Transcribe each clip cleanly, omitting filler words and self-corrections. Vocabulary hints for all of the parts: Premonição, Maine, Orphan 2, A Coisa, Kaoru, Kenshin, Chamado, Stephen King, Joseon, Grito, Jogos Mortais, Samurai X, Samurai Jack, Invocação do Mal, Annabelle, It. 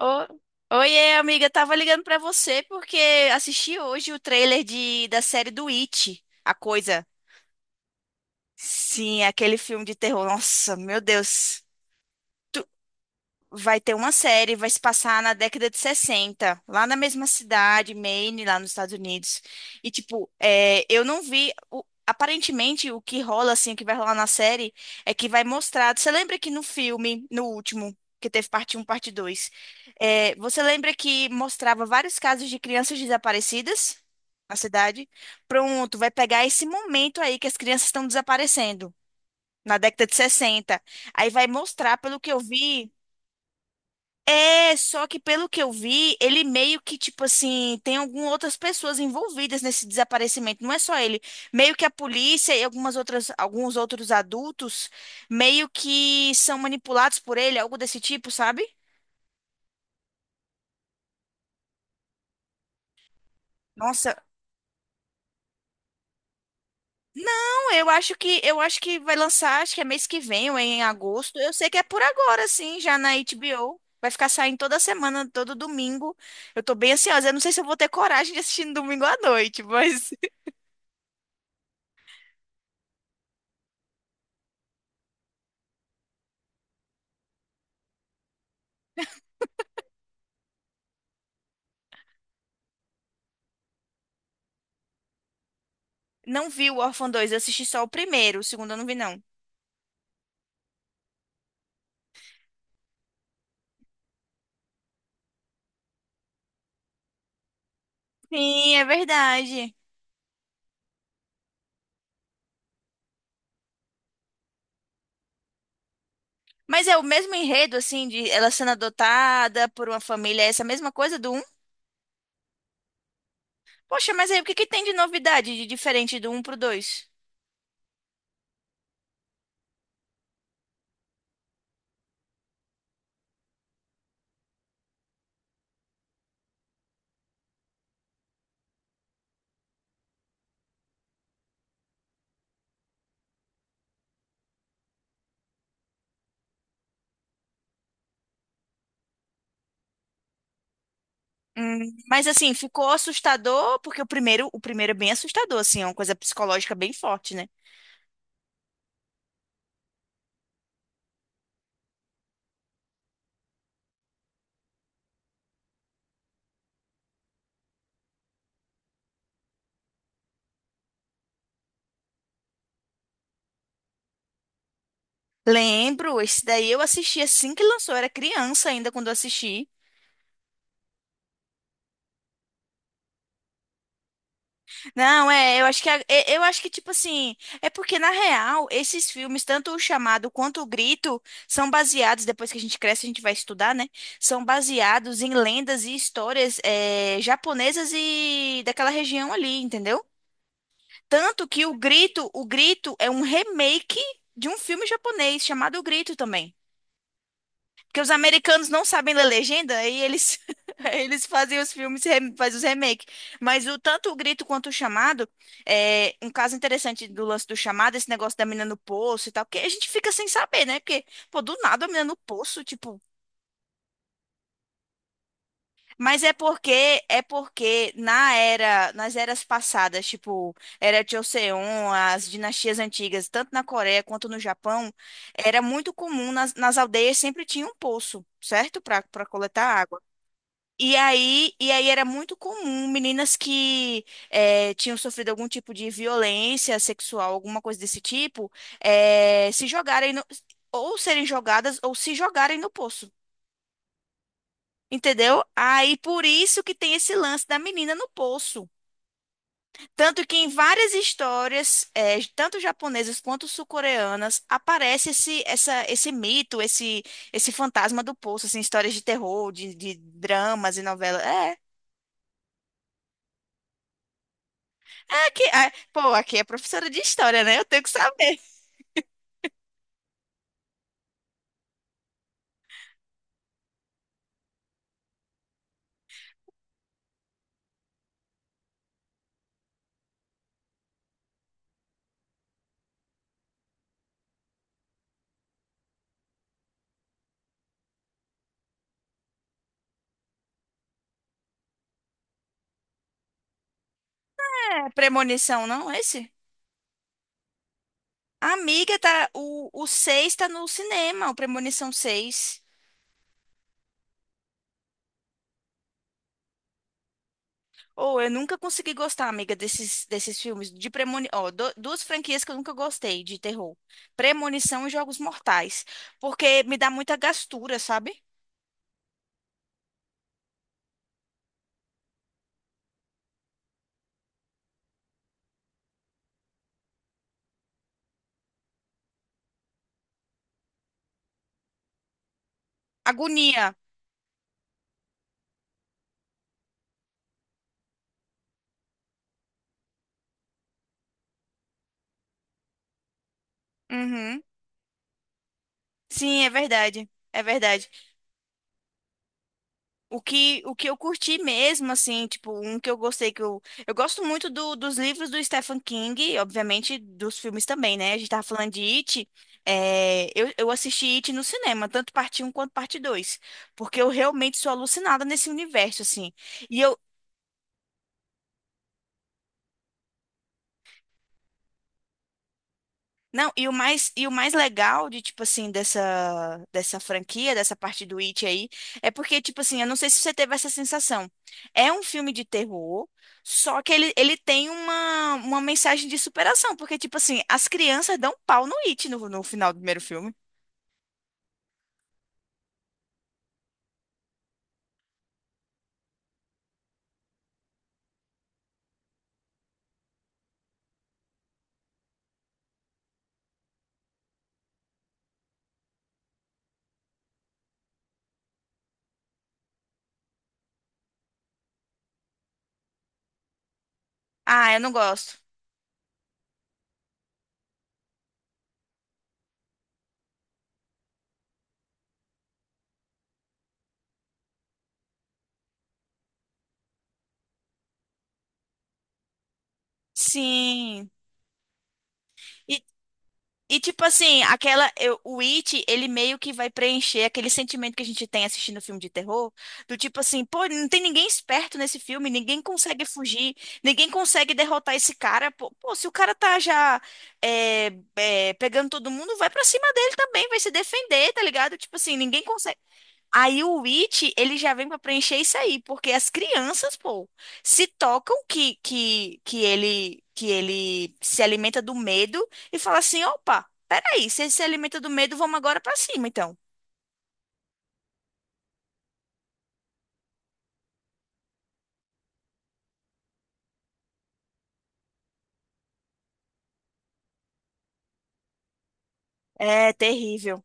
Ô- Oiê, amiga, tava ligando pra você porque assisti hoje o trailer da série do It, A Coisa. Sim, aquele filme de terror. Nossa, meu Deus, vai ter uma série, vai se passar na década de 60 lá na mesma cidade, Maine, lá nos Estados Unidos. E, tipo, eu não vi. O- aparentemente, o que rola, assim, o que vai rolar na série é que vai mostrar. Você lembra que no filme, no último. Que teve parte um, parte dois, é, você lembra que mostrava vários casos de crianças desaparecidas na cidade? Pronto, vai pegar esse momento aí que as crianças estão desaparecendo, na década de sessenta. Aí vai mostrar, pelo que eu vi, é, só que pelo que eu vi, ele meio que, tipo assim, tem algumas outras pessoas envolvidas nesse desaparecimento, não é só ele. Meio que a polícia e algumas outras, alguns outros adultos meio que são manipulados por ele, algo desse tipo, sabe? Nossa, não, eu acho que vai lançar, acho que é mês que vem ou em agosto. Eu sei que é por agora, sim, já na HBO. Vai ficar saindo toda semana, todo domingo. Eu tô bem ansiosa. Eu não sei se eu vou ter coragem de assistir no domingo à noite, mas não vi o Orphan 2, eu assisti só o primeiro, o segundo eu não vi, não. Sim, é verdade. Mas é o mesmo enredo, assim, de ela sendo adotada por uma família, é essa mesma coisa do um. Poxa, mas aí o que que tem de novidade, de diferente do um pro dois? Mas assim, ficou assustador, porque o primeiro é bem assustador, assim, é uma coisa psicológica bem forte, né? Lembro, esse daí eu assisti assim que lançou, eu era criança ainda quando eu assisti. Não, é, eu acho que eu acho que tipo assim, é porque na real, esses filmes, tanto o Chamado quanto o Grito, são baseados, depois que a gente cresce, a gente vai estudar, né? São baseados em lendas e histórias, é, japonesas e daquela região ali, entendeu? Tanto que o Grito é um remake de um filme japonês chamado O Grito também. Porque os americanos não sabem ler legenda, aí eles, aí eles fazem os filmes, fazem os remakes. Mas o tanto o grito quanto o chamado, é um caso interessante do lance do chamado, esse negócio da menina no poço e tal, que a gente fica sem saber, né? Porque, pô, do nada a menina no poço, tipo. Mas é porque na era, nas eras passadas, tipo, era Joseon, as dinastias antigas, tanto na Coreia quanto no Japão, era muito comum nas aldeias sempre tinha um poço, certo? Para coletar água. E aí, era muito comum meninas que eh, tinham sofrido algum tipo de violência sexual, alguma coisa desse tipo, se jogarem no- ou serem jogadas ou se jogarem no poço. Entendeu? Aí por isso que tem esse lance da menina no poço. Tanto que em várias histórias, tanto japonesas quanto sul-coreanas, aparece esse mito, esse fantasma do poço, assim, histórias de terror, de dramas e novelas. É, é aqui, é- pô, aqui é professora de história, né? Eu tenho que saber. É premonição, não esse? Amiga, tá, o seis tá no cinema, o Premonição seis. Ou eu nunca consegui gostar, amiga, desses filmes de premonição. Ó, du- duas franquias que eu nunca gostei de terror: Premonição e Jogos Mortais. Porque me dá muita gastura, sabe? Agonia. Uhum. Sim, é verdade. É verdade. O que eu curti mesmo, assim, tipo, um que eu gostei, que eu... Eu gosto muito dos livros do Stephen King, obviamente dos filmes também, né? A gente tava falando de It, é, eu assisti It no cinema, tanto parte Um quanto parte Dois, porque eu realmente sou alucinada nesse universo, assim. E eu, não, e o mais legal de, tipo assim, dessa franquia, dessa parte do It aí, é porque, tipo assim, eu não sei se você teve essa sensação. É um filme de terror, só que ele tem uma mensagem de superação, porque, tipo assim, as crianças dão pau no It no, no final do primeiro filme. Ah, eu não gosto. Sim. E, e tipo assim, aquela eu- o It, ele meio que vai preencher aquele sentimento que a gente tem assistindo filme de terror, do tipo assim, pô, não tem ninguém esperto nesse filme, ninguém consegue fugir, ninguém consegue derrotar esse cara. Pô, pô, se o cara tá já pegando todo mundo, vai pra cima dele também, vai se defender, tá ligado? Tipo assim, ninguém consegue. Aí o It, ele já vem pra preencher isso aí, porque as crianças, pô, se tocam que ele se alimenta do medo e fala assim, opa, peraí, se ele se alimenta do medo, vamos agora pra cima, então. É terrível.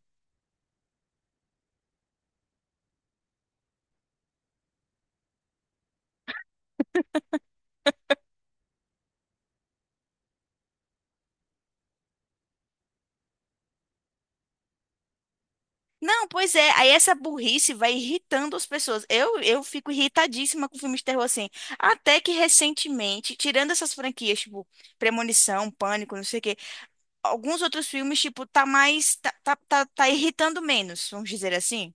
Não, pois é, aí essa burrice vai irritando as pessoas. Eu fico irritadíssima com filmes de terror assim. Até que recentemente, tirando essas franquias, tipo Premonição, Pânico, não sei o quê, alguns outros filmes, tipo, tá mais. Tá irritando menos, vamos dizer assim.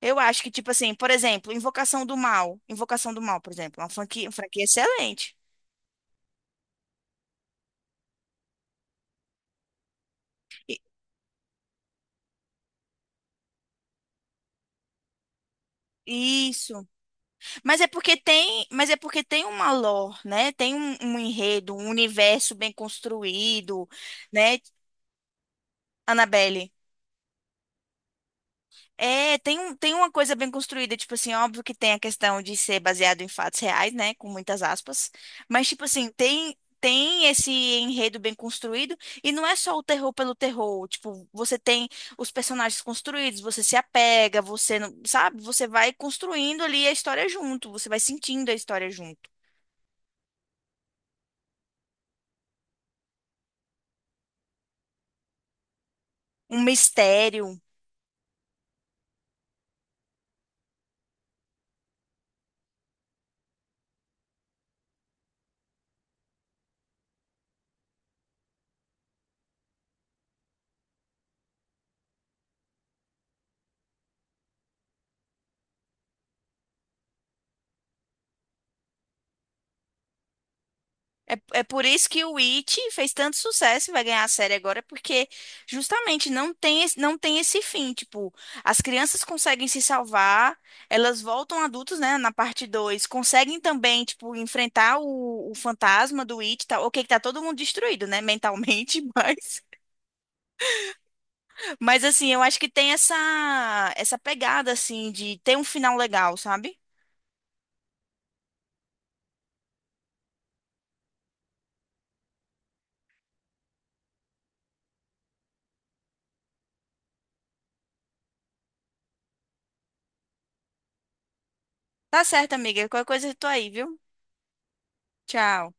Eu acho que, tipo assim, por exemplo, Invocação do Mal. Invocação do Mal, por exemplo, é uma franquia, franquia excelente. I- isso. Mas é porque tem uma lore, né? Tem um, um enredo, um universo bem construído, né? Annabelle. É, tem, um- tem uma coisa bem construída, tipo assim, óbvio que tem a questão de ser baseado em fatos reais, né, com muitas aspas, mas tipo assim, tem esse enredo bem construído e não é só o terror pelo terror, tipo, você tem os personagens construídos, você se apega, você não, sabe, você vai construindo ali a história junto, você vai sentindo a história junto. Um mistério. É, é por isso que o It fez tanto sucesso e vai ganhar a série agora, porque justamente não tem, esse- não tem esse fim. Tipo, as crianças conseguem se salvar, elas voltam adultos, né, na parte dois conseguem também, tipo, enfrentar o fantasma do It, tá, ok, que tá todo mundo destruído, né, mentalmente, mas... Mas, assim, eu acho que tem essa, essa pegada, assim, de ter um final legal, sabe? Tá certo, amiga. Qualquer coisa eu tô aí, viu? Tchau.